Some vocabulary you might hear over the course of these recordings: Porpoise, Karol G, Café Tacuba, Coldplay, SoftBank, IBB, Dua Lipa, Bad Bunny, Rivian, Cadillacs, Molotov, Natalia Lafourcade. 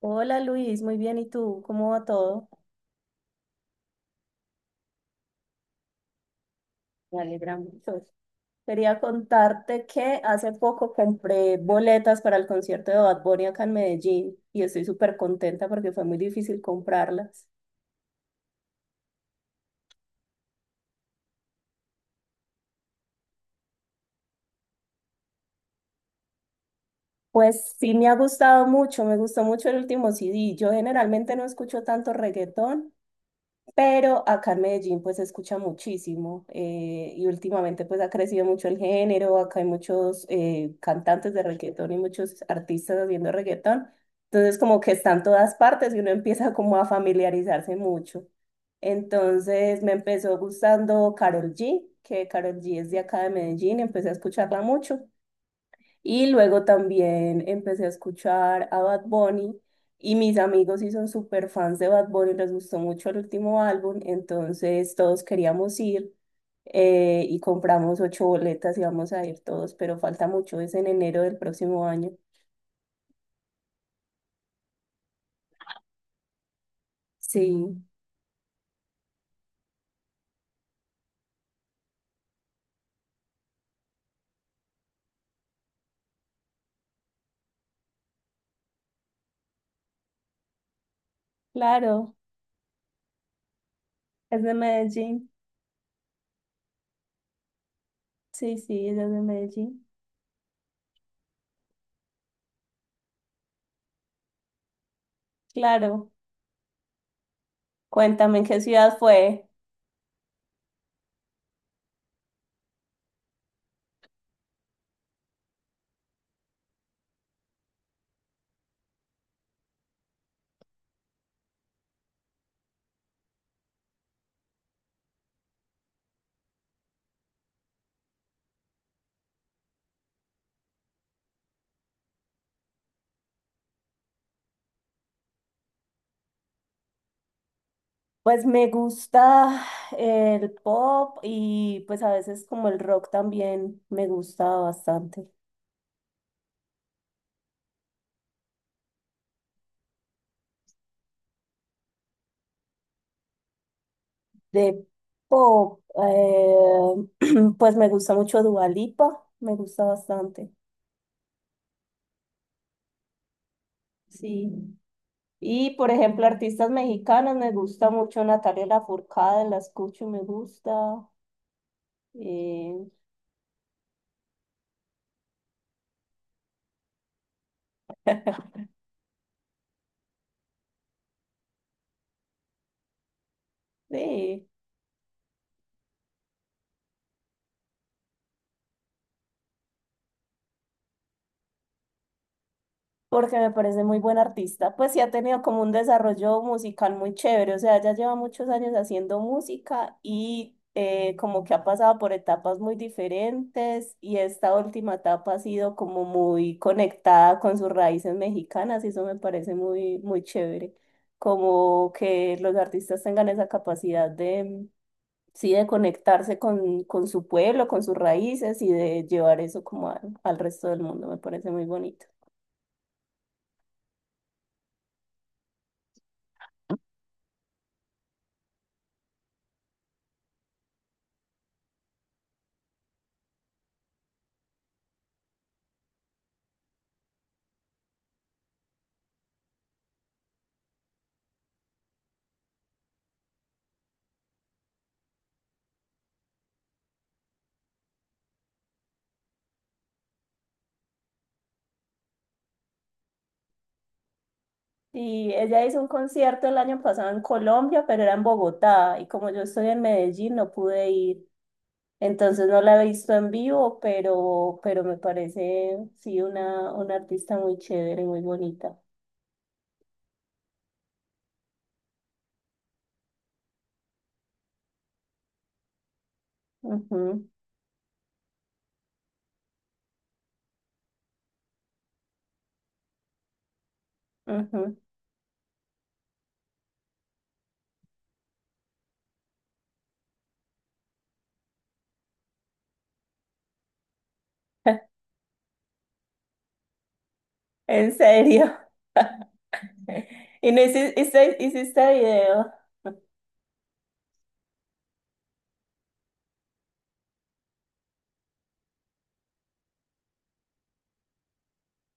Hola Luis, muy bien. ¿Y tú? ¿Cómo va todo? Me alegra mucho. Quería contarte que hace poco compré boletas para el concierto de Bad Bunny acá en Medellín y estoy súper contenta porque fue muy difícil comprarlas. Pues sí me ha gustado mucho, me gustó mucho el último CD. Yo generalmente no escucho tanto reggaetón, pero acá en Medellín pues se escucha muchísimo, y últimamente pues ha crecido mucho el género, acá hay muchos cantantes de reggaetón y muchos artistas haciendo reggaetón, entonces como que están todas partes y uno empieza como a familiarizarse mucho. Entonces me empezó gustando Karol G, que Karol G es de acá de Medellín, empecé a escucharla mucho y luego también empecé a escuchar a Bad Bunny y mis amigos sí son súper fans de Bad Bunny, les gustó mucho el último álbum, entonces todos queríamos ir, y compramos ocho boletas y vamos a ir todos, pero falta mucho, es en enero del próximo año. Sí, claro, es de Medellín. Sí, sí, ella es de Medellín. Claro, cuéntame en qué ciudad fue. Pues me gusta el pop y pues a veces como el rock también me gusta bastante. De pop, pues me gusta mucho Dua Lipa, me gusta bastante. Sí. Y por ejemplo, artistas mexicanos, me gusta mucho Natalia Lafourcade, la escucho y me gusta. Eh, sí. Porque me parece muy buen artista. Pues sí ha tenido como un desarrollo musical muy chévere, o sea, ella lleva muchos años haciendo música y, como que ha pasado por etapas muy diferentes y esta última etapa ha sido como muy conectada con sus raíces mexicanas y eso me parece muy, muy chévere, como que los artistas tengan esa capacidad de, sí, de conectarse con su pueblo, con sus raíces y de llevar eso como al resto del mundo, me parece muy bonito. Sí, ella hizo un concierto el año pasado en Colombia, pero era en Bogotá y como yo estoy en Medellín no pude ir, entonces no la he visto en vivo, pero me parece sí una artista muy chévere, y muy bonita. Ujú, ujú. En serio. Y no hiciste, video.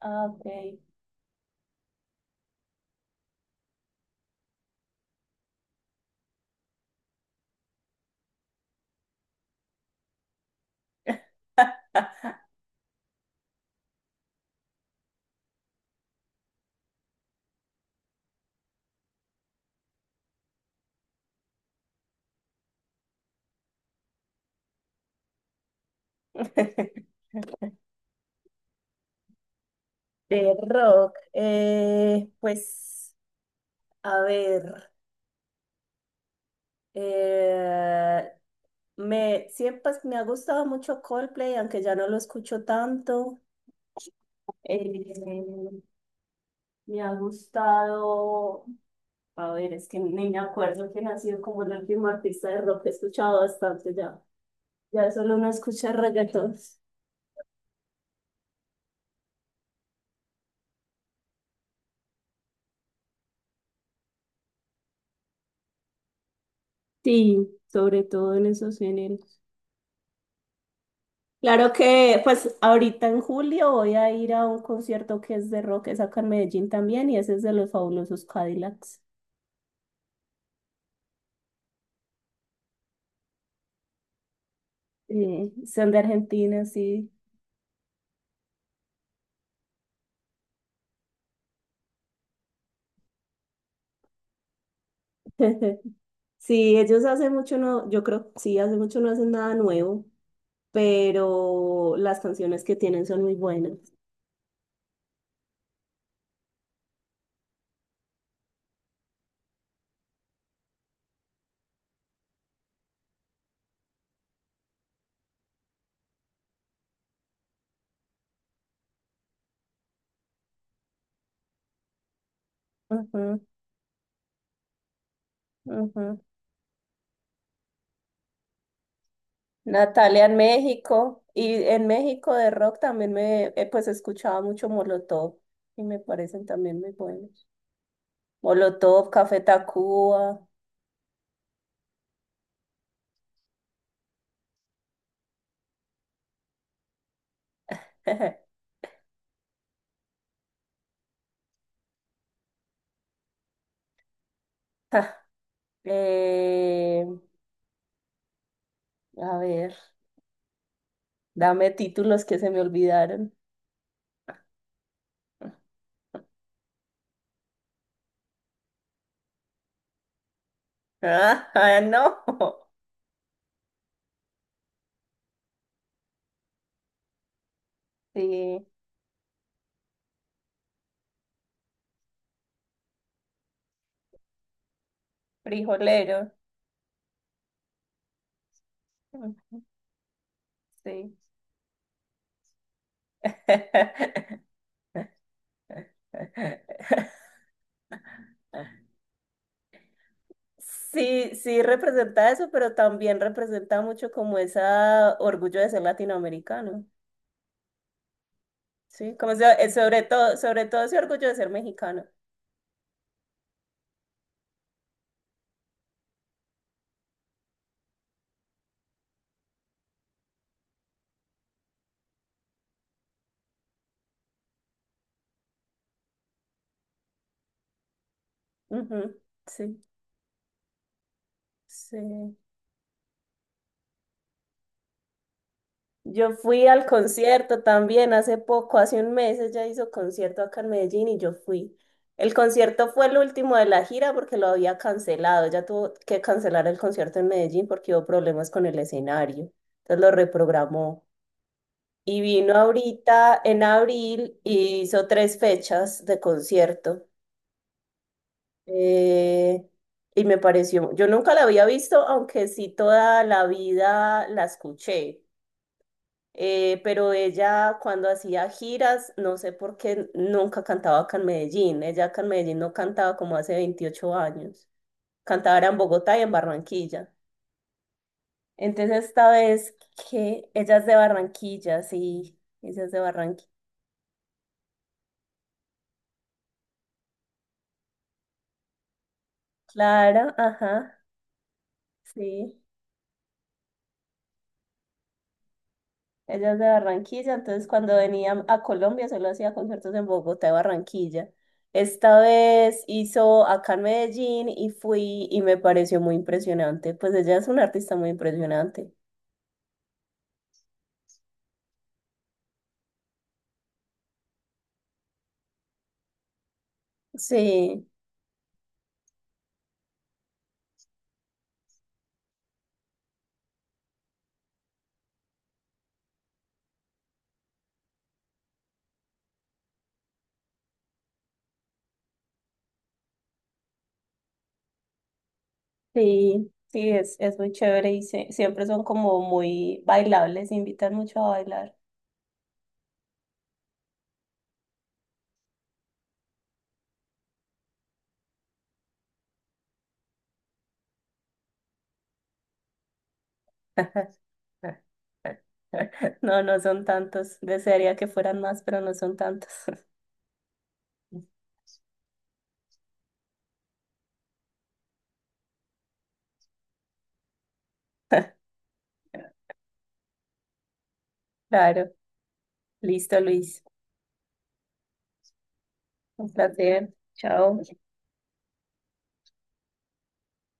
Ah, ok. De rock. Pues, a ver. eh. Siempre pues, me ha gustado mucho Coldplay, aunque ya no lo escucho tanto. Eh, Me ha gustado, a ver, es que ni me acuerdo quién ha sido como el último artista de rock que he escuchado bastante ya. Ya solo uno escucha reggaetón. Sí, sobre todo en esos géneros. Claro que, pues ahorita en julio voy a ir a un concierto que es de rock, es acá en Medellín también, y ese es de los fabulosos Cadillacs. Son de Argentina, sí. Sí, ellos hace mucho no, yo creo, sí, hace mucho no hacen nada nuevo, pero las canciones que tienen son muy buenas. Ujú, ujú. Natalia en México y en México de rock también me, pues escuchaba mucho Molotov y me parecen también muy buenos. Molotov, Café Tacuba. Ja, eh, a ver, dame títulos que se me olvidaron. Ah, no. Sí, frijolero. Mm, sí. Sí, sí representa eso, pero también representa mucho como ese orgullo de ser latinoamericano. Sí, como sobre todo ese orgullo de ser mexicano. Ujú, sí, sí. Yo fui al concierto también hace poco, hace un mes ella hizo concierto acá en Medellín y yo fui. El concierto fue el último de la gira porque lo había cancelado. Ella tuvo que cancelar el concierto en Medellín porque hubo problemas con el escenario. Entonces lo reprogramó. Y vino ahorita en abril y hizo tres fechas de concierto. Eh, y me pareció, yo nunca la había visto, aunque sí toda la vida la escuché. Pero ella cuando hacía giras, no sé por qué nunca cantaba acá en Medellín. Ella acá en Medellín no cantaba como hace 28 años. Cantaba era en Bogotá y en Barranquilla. Entonces esta vez que ella es de Barranquilla, sí, ella es de Barranquilla. Clara, ajá, sí. Ella es de Barranquilla, entonces cuando venía a Colombia solo hacía conciertos en Bogotá y Barranquilla. Esta vez hizo acá en Medellín y fui y me pareció muy impresionante. Pues ella es una artista muy impresionante. Sí, sí, sí, es muy chévere y siempre son como muy bailables, invitan mucho a bailar. No, no son tantos. Desearía que fueran más, pero no son tantos. Claro. Listo, Luis. Un placer. Chao.